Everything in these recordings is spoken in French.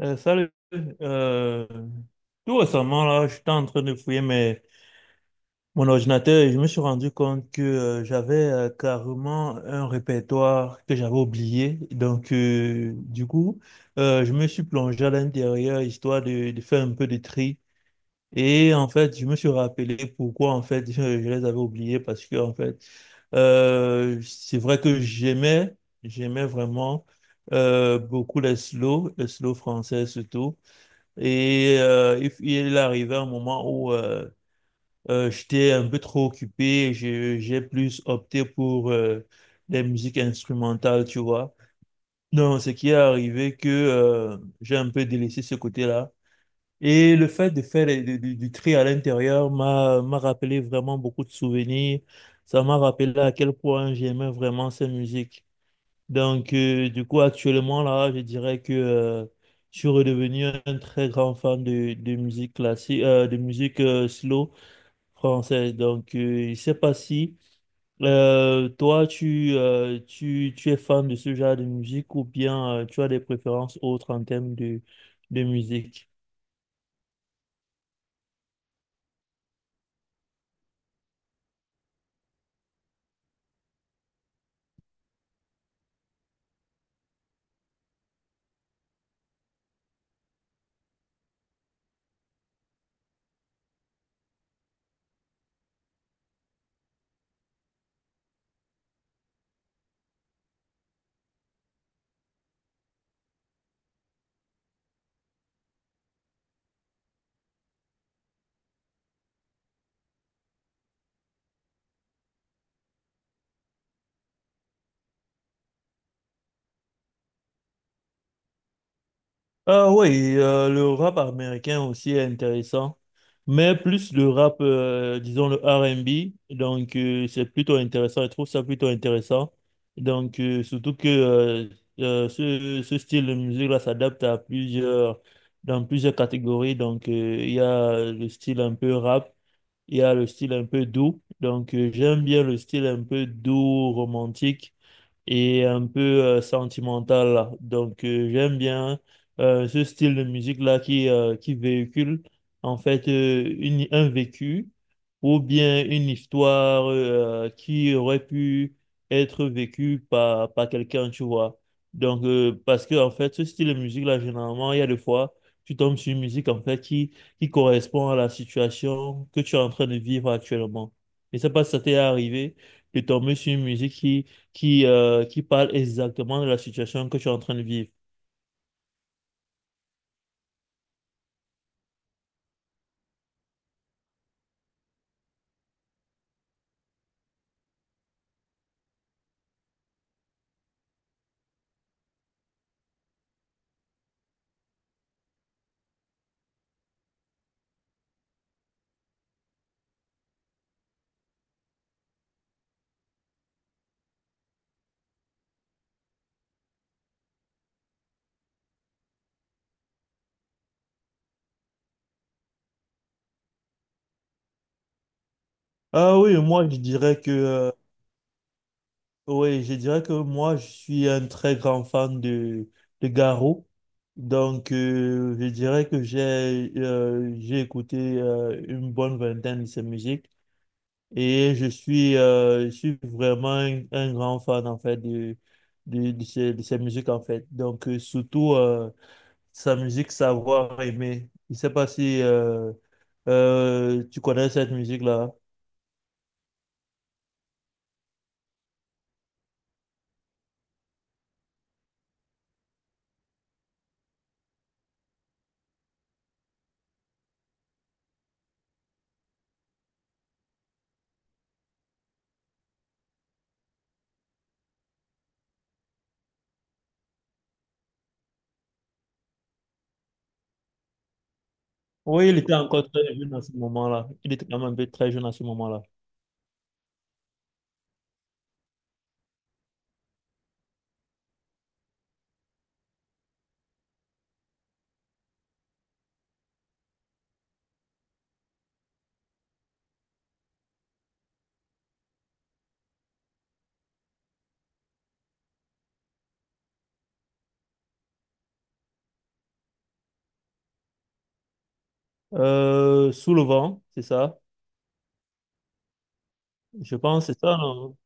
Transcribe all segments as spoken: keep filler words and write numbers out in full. Euh, salut. Euh, Tout récemment, là, j'étais en train de fouiller mes- mon ordinateur et je me suis rendu compte que euh, j'avais euh, carrément un répertoire que j'avais oublié. Donc, euh, du coup, euh, je me suis plongé à l'intérieur histoire de, de faire un peu de tri. Et en fait, je me suis rappelé pourquoi en fait je, je les avais oubliés parce que en fait, euh, c'est vrai que j'aimais, j'aimais vraiment euh, beaucoup les slow, les slow français surtout. Et euh, il, il est arrivé un moment où euh, euh, j'étais un peu trop occupé, j'ai j'ai plus opté pour euh, des musiques instrumentales, tu vois. Donc, ce qui est arrivé, que euh, j'ai un peu délaissé ce côté-là. Et le fait de faire les- du, du- du tri à l'intérieur m'a m'a rappelé vraiment beaucoup de souvenirs. Ça m'a rappelé à quel point j'aimais vraiment cette musique. Donc, euh, du coup, actuellement, là, je dirais que euh, je suis redevenu un très grand fan de, de musique classique, euh, de musique euh, slow française. Donc, euh, je ne sais pas si euh, toi, tu, euh, tu, tu es fan de ce genre de musique ou bien euh, tu as des préférences autres en termes de, de musique. Ah oui, euh, le rap américain aussi est intéressant, mais plus le rap, euh, disons le R et B, donc euh, c'est plutôt intéressant, je trouve ça plutôt intéressant. Donc euh, surtout que euh, euh, ce, ce style de musique-là s'adapte à plusieurs, dans plusieurs catégories, donc euh, il y a le style un peu rap, il y a le style un peu doux, donc euh, j'aime bien le style un peu doux, romantique et un peu euh, sentimentale. Donc, euh, j'aime bien euh, ce style de musique-là qui, euh, qui véhicule en fait euh, une- un vécu ou bien une histoire euh, qui aurait pu être vécue par, par quelqu'un, tu vois. Donc, euh, parce que en fait, ce style de musique-là, généralement, il y a des fois, tu tombes sur une musique en fait qui, qui correspond à la situation que tu es en train de vivre actuellement. Je ne sais pas si ça t'est arrivé de tomber sur une musique qui, qui, euh, qui parle exactement de la situation que tu es en train de vivre. Ah oui, moi je dirais que euh, oui, je dirais que moi je suis un très grand fan de, de Garo. Donc euh, je dirais que j'ai euh, j'ai écouté euh, une bonne vingtaine de ses musiques et je suis euh, je suis vraiment un, un grand fan en fait de de, de ses, de ses musiques en fait. Donc euh, surtout euh, sa musique, savoir aimer. Je ne sais pas si euh, euh, tu connais cette musique-là. Oui, il était encore très jeune à ce moment-là. Il était quand même un peu très jeune à ce moment-là. Euh, Sous le vent, c'est ça. Je pense que c'est ça. Non.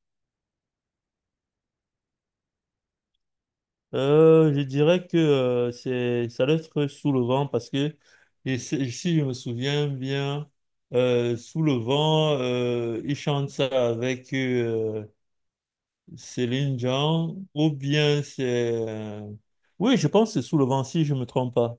Euh, je dirais que euh, c'est ça doit être Sous le vent parce que je sais- si je me souviens bien, euh, Sous le vent, euh, il chante ça avec euh, Céline Dion, ou bien c'est... euh, Oui, je pense que c'est Sous le vent, si je ne me trompe pas.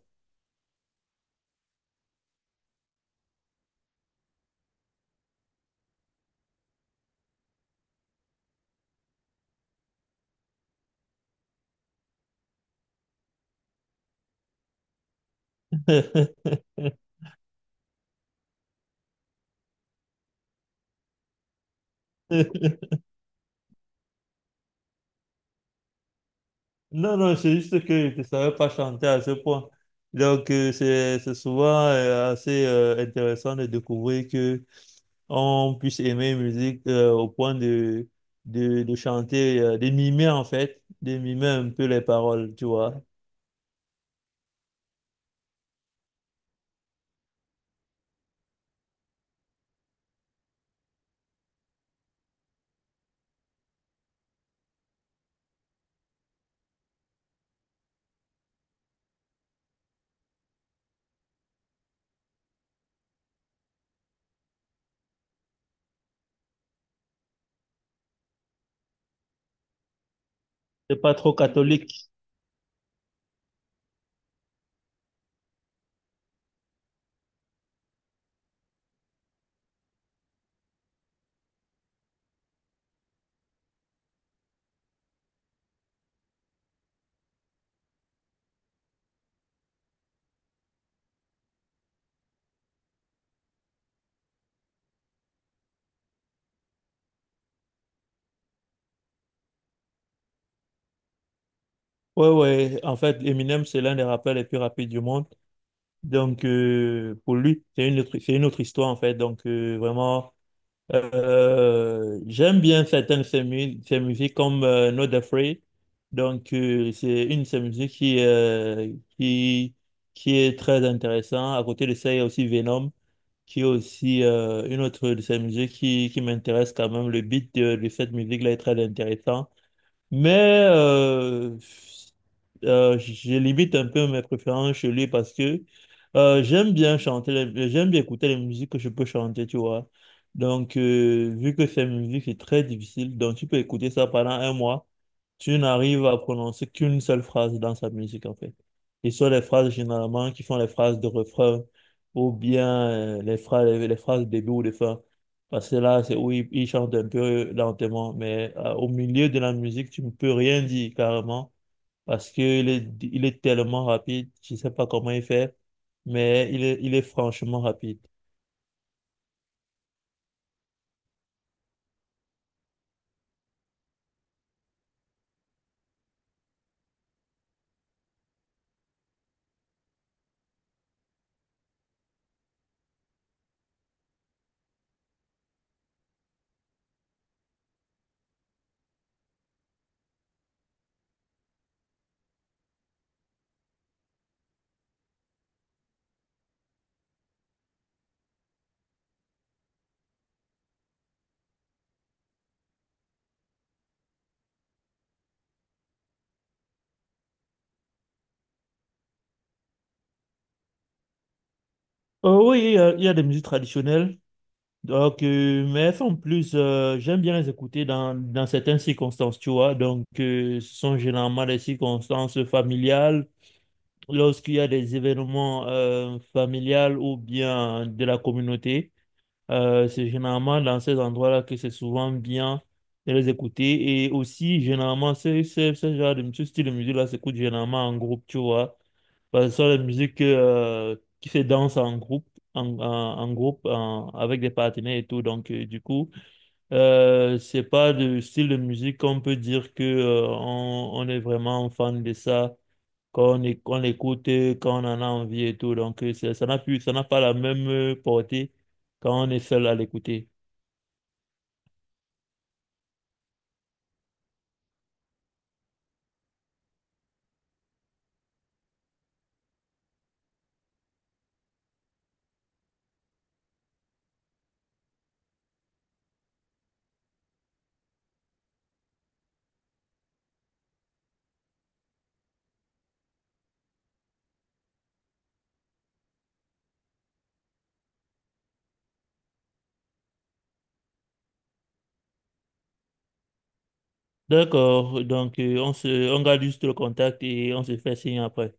Non, non, c'est juste que je ne savais pas chanter à ce point. Donc, euh, c'est c'est souvent euh, assez euh, intéressant de découvrir que on puisse aimer une musique euh, au point de, de, de chanter, euh, de mimer en fait, de mimer un peu les paroles, tu vois. C'est pas trop catholique. Ouais, ouais, en fait, Eminem, c'est l'un des rappeurs les plus rapides du monde. Donc, euh, pour lui, c'est une autre, c'est une autre histoire, en fait. Donc, euh, vraiment, euh, j'aime bien certaines de ses, mu- ses musiques, comme euh, Not Afraid. Donc, euh, c'est une de ses musiques qui, euh, qui, qui est très intéressante. À côté de ça, il y a aussi Venom, qui est aussi euh, une autre de ses musiques qui, qui m'intéresse quand même. Le beat de, de cette musique-là est très intéressant. Mais euh, euh, j'ai limite un peu mes préférences chez lui parce que euh, j'aime bien chanter, les- j'aime bien écouter les musiques que je peux chanter, tu vois. Donc, euh, vu que ces musiques, c'est très difficile, donc tu peux écouter ça pendant un mois, tu n'arrives à prononcer qu'une seule phrase dans sa musique, en fait. Et ce sont les phrases généralement qui font les phrases de refrain ou bien euh, les phrases, les phrases de début ou de fin. Parce que là, c'est où il, il chante un peu lentement, mais euh, au milieu de la musique, tu ne peux rien dire carrément, parce qu'il est, il est tellement rapide, je ne sais pas comment il fait, mais il est, il est franchement rapide. Euh, oui, il y a, il y a des musiques traditionnelles, donc, euh, mais elles sont plus, euh, j'aime bien les écouter dans, dans certaines circonstances, tu vois, donc euh, ce sont généralement des circonstances familiales, lorsqu'il y a des événements euh, familiales ou bien de la communauté. Euh, c'est généralement dans ces endroits-là que c'est souvent bien de les écouter. Et aussi, généralement, ce, ce, ce genre de, ce style de musique-là s'écoute généralement en groupe, tu vois. Parce que ce sont les musiques euh, qui se dansent en groupe, en, en, en groupe, en- avec des partenaires et tout. Donc, euh, du coup, euh, c'est pas de style de musique qu'on peut dire que euh, on, on est vraiment fan de ça qu'on é- qu'on l'écoute euh, quand on en a envie et tout. Donc, euh, ça ça n'a plus, ça n'a pas la même euh, portée quand on est seul à l'écouter. D'accord, donc euh, on se, on garde juste le contact et on se fait signe après.